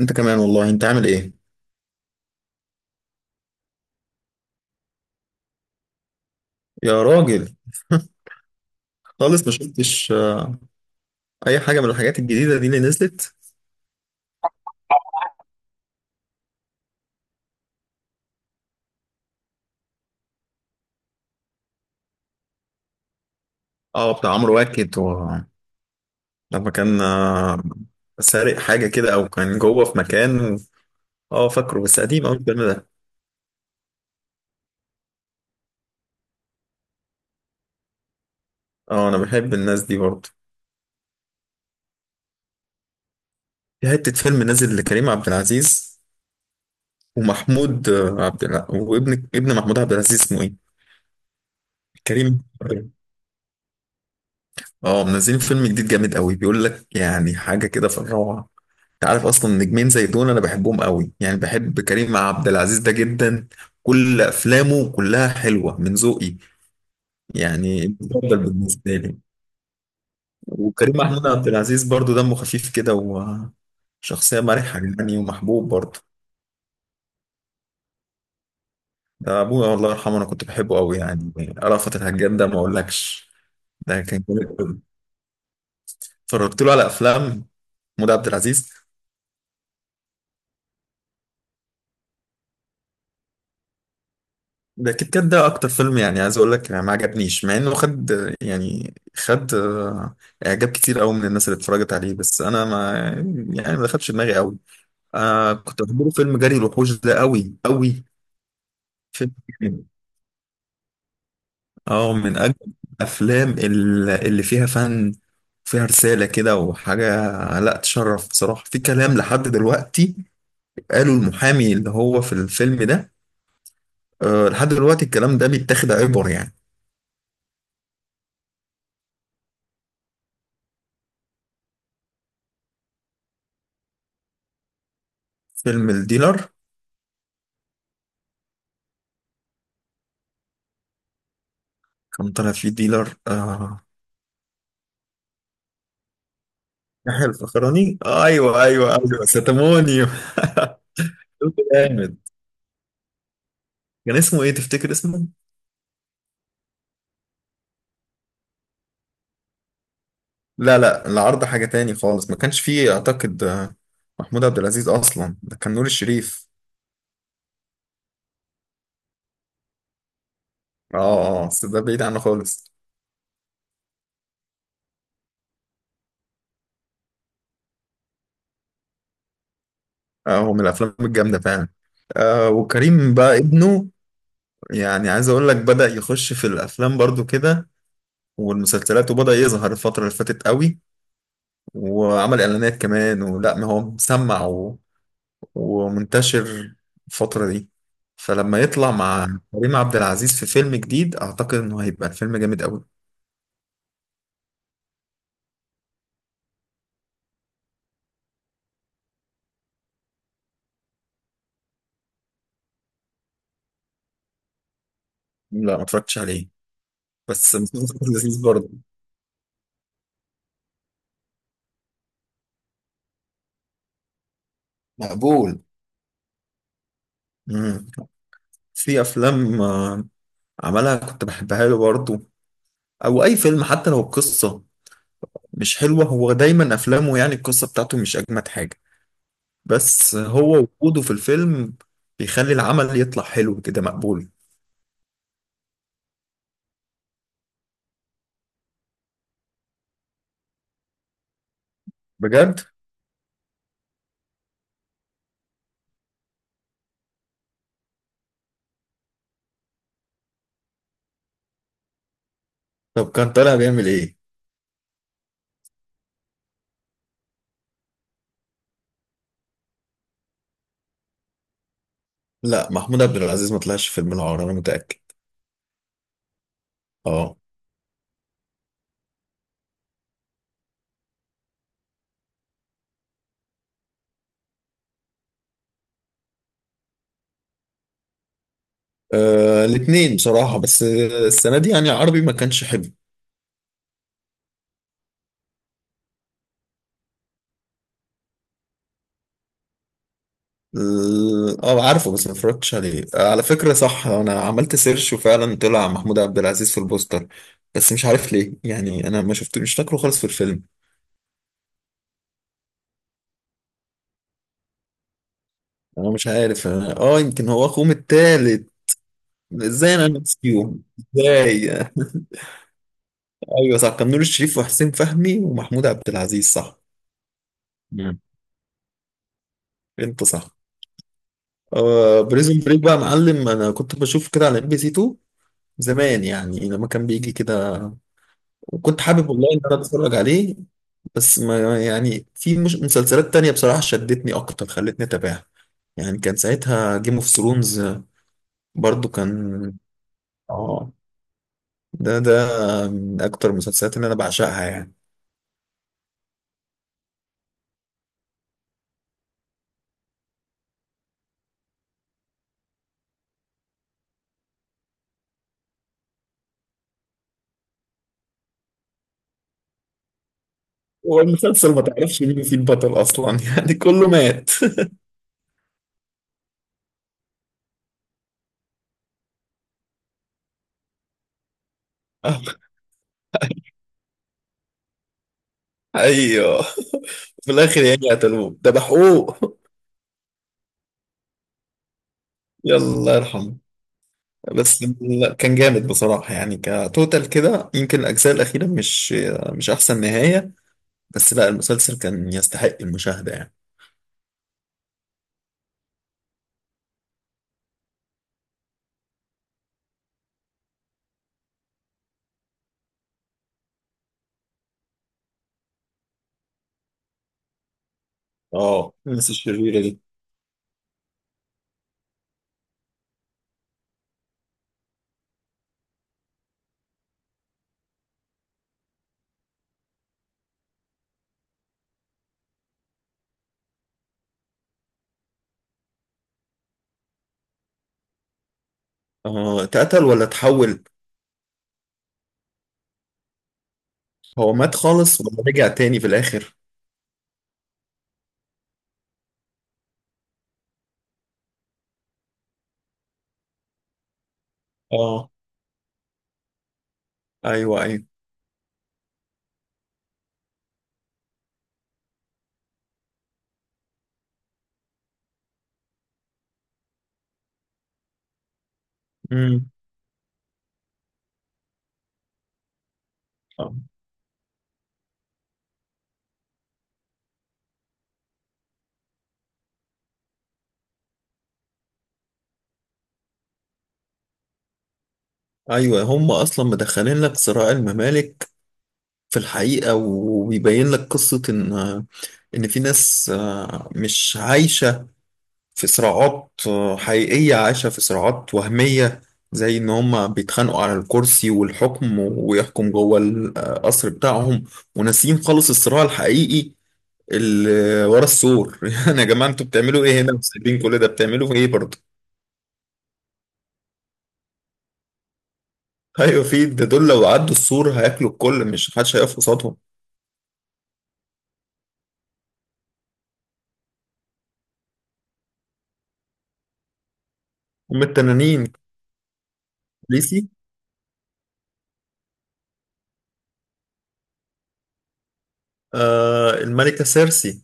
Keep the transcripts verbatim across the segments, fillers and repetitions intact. انت كمان والله انت عامل ايه؟ يا راجل، خالص ما شفتش آه، اي حاجه من الحاجات الجديده دي اللي نزلت. اه بتاع عمرو واكد و... لما كان آه، سارق حاجه كده او كان جوه في مكان و... اه فاكره، بس قديم قوي الفيلم ده. اه انا بحب الناس دي برضه. في حته فيلم نازل لكريم عبد العزيز ومحمود آه، عبد الع... وابن ابن محمود عبد العزيز، اسمه ايه؟ كريم. اه منزلين فيلم جديد جامد قوي، بيقول لك يعني حاجه كده في الروعه. انت عارف اصلا نجمين زي دول انا بحبهم قوي، يعني بحب كريم عبد العزيز ده جدا. كل افلامه كلها حلوه من ذوقي، يعني مفضل بالنسبه لي. وكريم محمود عبد العزيز برضو دمه خفيف كده، وشخصيه مرحه يعني، ومحبوب برضو. ده ابويا الله يرحمه، انا كنت بحبه قوي يعني. رأفت الهجان ده ما اقولكش، ده كان جامد قوي. اتفرجت له على افلام محمود عبد العزيز. ده كيت كات ده اكتر فيلم، يعني عايز اقول لك ما عجبنيش مع انه خد، يعني خد آه، اعجاب كتير قوي من الناس اللي اتفرجت عليه، بس انا ما، يعني ما دخلش دماغي قوي. آه كنت بحبه فيلم جري الوحوش ده قوي قوي. فيلم جامد. اه من اجمل الافلام ال- اللي فيها فن، فيها رسالة كده وحاجة. لا تشرف بصراحة، في كلام لحد دلوقتي قالوا المحامي اللي هو في الفيلم ده، آه لحد دلوقتي الكلام ده بيتاخد عبر يعني. فيلم الديلر. كان طالع فيه ديلر آه. يحيى الفخراني، آه ايوه ايوه ايوه، ستامونيو. جامد. كان اسمه ايه تفتكر اسمه؟ لا لا، العرض حاجة تاني خالص، ما كانش فيه اعتقد آه، محمود عبد العزيز اصلا، ده كان نور الشريف. اه اه آه، بس ده بعيد عنه خالص. آه هو من الافلام الجامدة فعلا. آه وكريم بقى ابنه يعني، عايز اقول لك بدأ يخش في الافلام برضو كده، والمسلسلات، وبدأ يظهر الفترة اللي فاتت قوي، وعمل اعلانات كمان، ولا ما هو مسمع ومنتشر الفترة دي. فلما يطلع مع كريم عبد العزيز في فيلم جديد، أعتقد إنه هيبقى الفيلم جامد أوي. لا ما اتفرجتش عليه. بس مسلسل لذيذ برضه. مقبول. مم. في أفلام آه، عملها كنت بحبها له برضه، أو أي فيلم حتى لو القصة مش حلوة. هو دايما أفلامه يعني القصة بتاعته مش أجمد حاجة، بس هو وجوده في الفيلم بيخلي العمل يطلع حلو كده، مقبول. بجد؟ طب كان طالع بيعمل إيه؟ لا محمود عبد العزيز ما طلعش في فيلم العار، انا متاكد. اه. آه، الاثنين بصراحه، بس السنه دي يعني العربي ما كانش حلو. ال- اه عارفه، بس ما اتفرجتش عليه. آه، على فكره صح، انا عملت سيرش وفعلا طلع محمود عبد العزيز في البوستر، بس مش عارف ليه، يعني انا ما شفت، مش فاكره خالص في الفيلم. انا مش عارف، أنا- اه يمكن هو اخوهم التالت. ازاي انا نسيهم، ازاي؟ ايوه صح، كان نور الشريف وحسين فهمي ومحمود عبد العزيز، صح. مم. انت صح. آه بريزون بريك بقى معلم، انا كنت بشوف كده على ام بي سي اتنين زمان، يعني لما كان بيجي كده. وكنت حابب والله ان انا اتفرج عليه، بس ما، يعني في مش مسلسلات تانية بصراحة شدتني اكتر خلتني اتابعها، يعني كان ساعتها جيم اوف ثرونز برضو كان. اه ده ده من اكتر المسلسلات اللي انا بعشقها يعني. هو المسلسل ما تعرفش مين فيه البطل اصلا يعني كله مات. ايوه في الاخر يعني قتلوه ذبحوه. يلا يرحم. بس ال- كان جامد بصراحة يعني كتوتال كده، يمكن الأجزاء الأخيرة مش مش أحسن نهاية، بس لا المسلسل كان يستحق المشاهدة يعني. اه الناس الشريرة دي. اه. اتقتل ولا اتحول؟ هو مات خالص ولا رجع تاني في الآخر؟ اه أيوه أيوه. امم. آه. أيوه، هم أصلا مدخلين لك صراع الممالك في الحقيقة، وبيبين لك قصة إن إن في ناس آه، مش عايشة في صراعات آه، حقيقية، عايشة في صراعات وهمية، زي إن هما بيتخانقوا على الكرسي والحكم ويحكم جوه القصر بتاعهم، وناسيين خالص الصراع الحقيقي اللي ورا السور. يعني يا جماعة انتوا بتعملوا ايه هنا، وسايبين كل ده بتعملوا في ايه برضه؟ ايوه، في ده دول لو عدوا السور هياكلوا الكل، مش محدش هيقف قصادهم. هم التنانين. ليسي. آه الملكة سيرسي.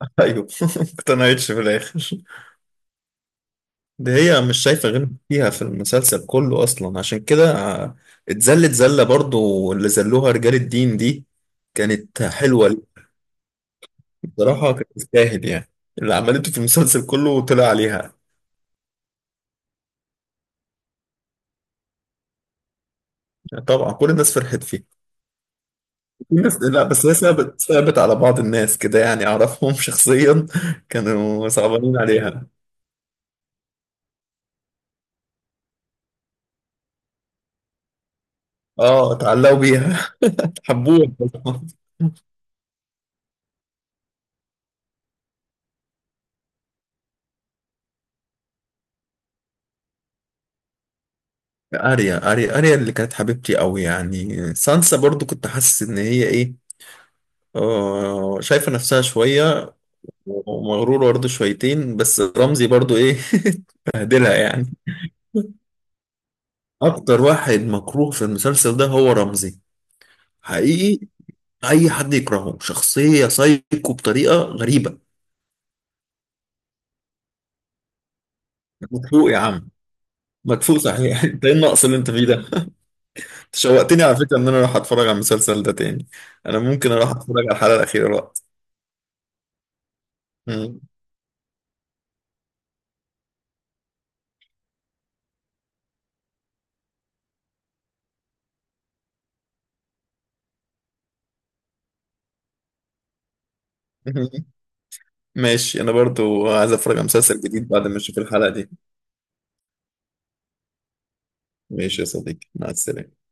ايوه ما اقتنعتش في الاخر. ده هي مش شايفة غير فيها في المسلسل كله أصلا، عشان كده آه، اتذلت ذلة برضو اللي ذلوها رجال الدين دي. كانت حلوة ليه. بصراحة كانت تستاهل يعني، اللي عملته في المسلسل كله وطلع عليها. طبعا كل الناس فرحت فيه. في ناس لا، بس هي ثابت ثابت على بعض الناس كده يعني، أعرفهم شخصيا، كانوا صعبانين عليها. اه اتعلقوا بيها. حبوها. أريا أريا أريا اللي كانت حبيبتي قوي يعني. سانسا برضو كنت حاسس إن هي إيه، آه، شايفة نفسها شوية ومغرورة برضه شويتين، بس رمزي برضه إيه، بهدلها يعني. أكتر واحد مكروه في المسلسل ده هو رمزي، حقيقي. أي حد يكرهه، شخصية سايكو بطريقة غريبة. مدفوق يا عم، مدفوق صحيح. أنت إيه النقص اللي أنت فيه ده؟ أنت شوقتني على فكرة إن أنا أروح أتفرج على المسلسل ده تاني. أنا ممكن أروح أتفرج على الحلقة الأخيرة دلوقتي. مم. ماشي، أنا برضه عايز أتفرج على مسلسل جديد بعد ما أشوف الحلقة دي. ماشي يا صديقي، مع السلامة.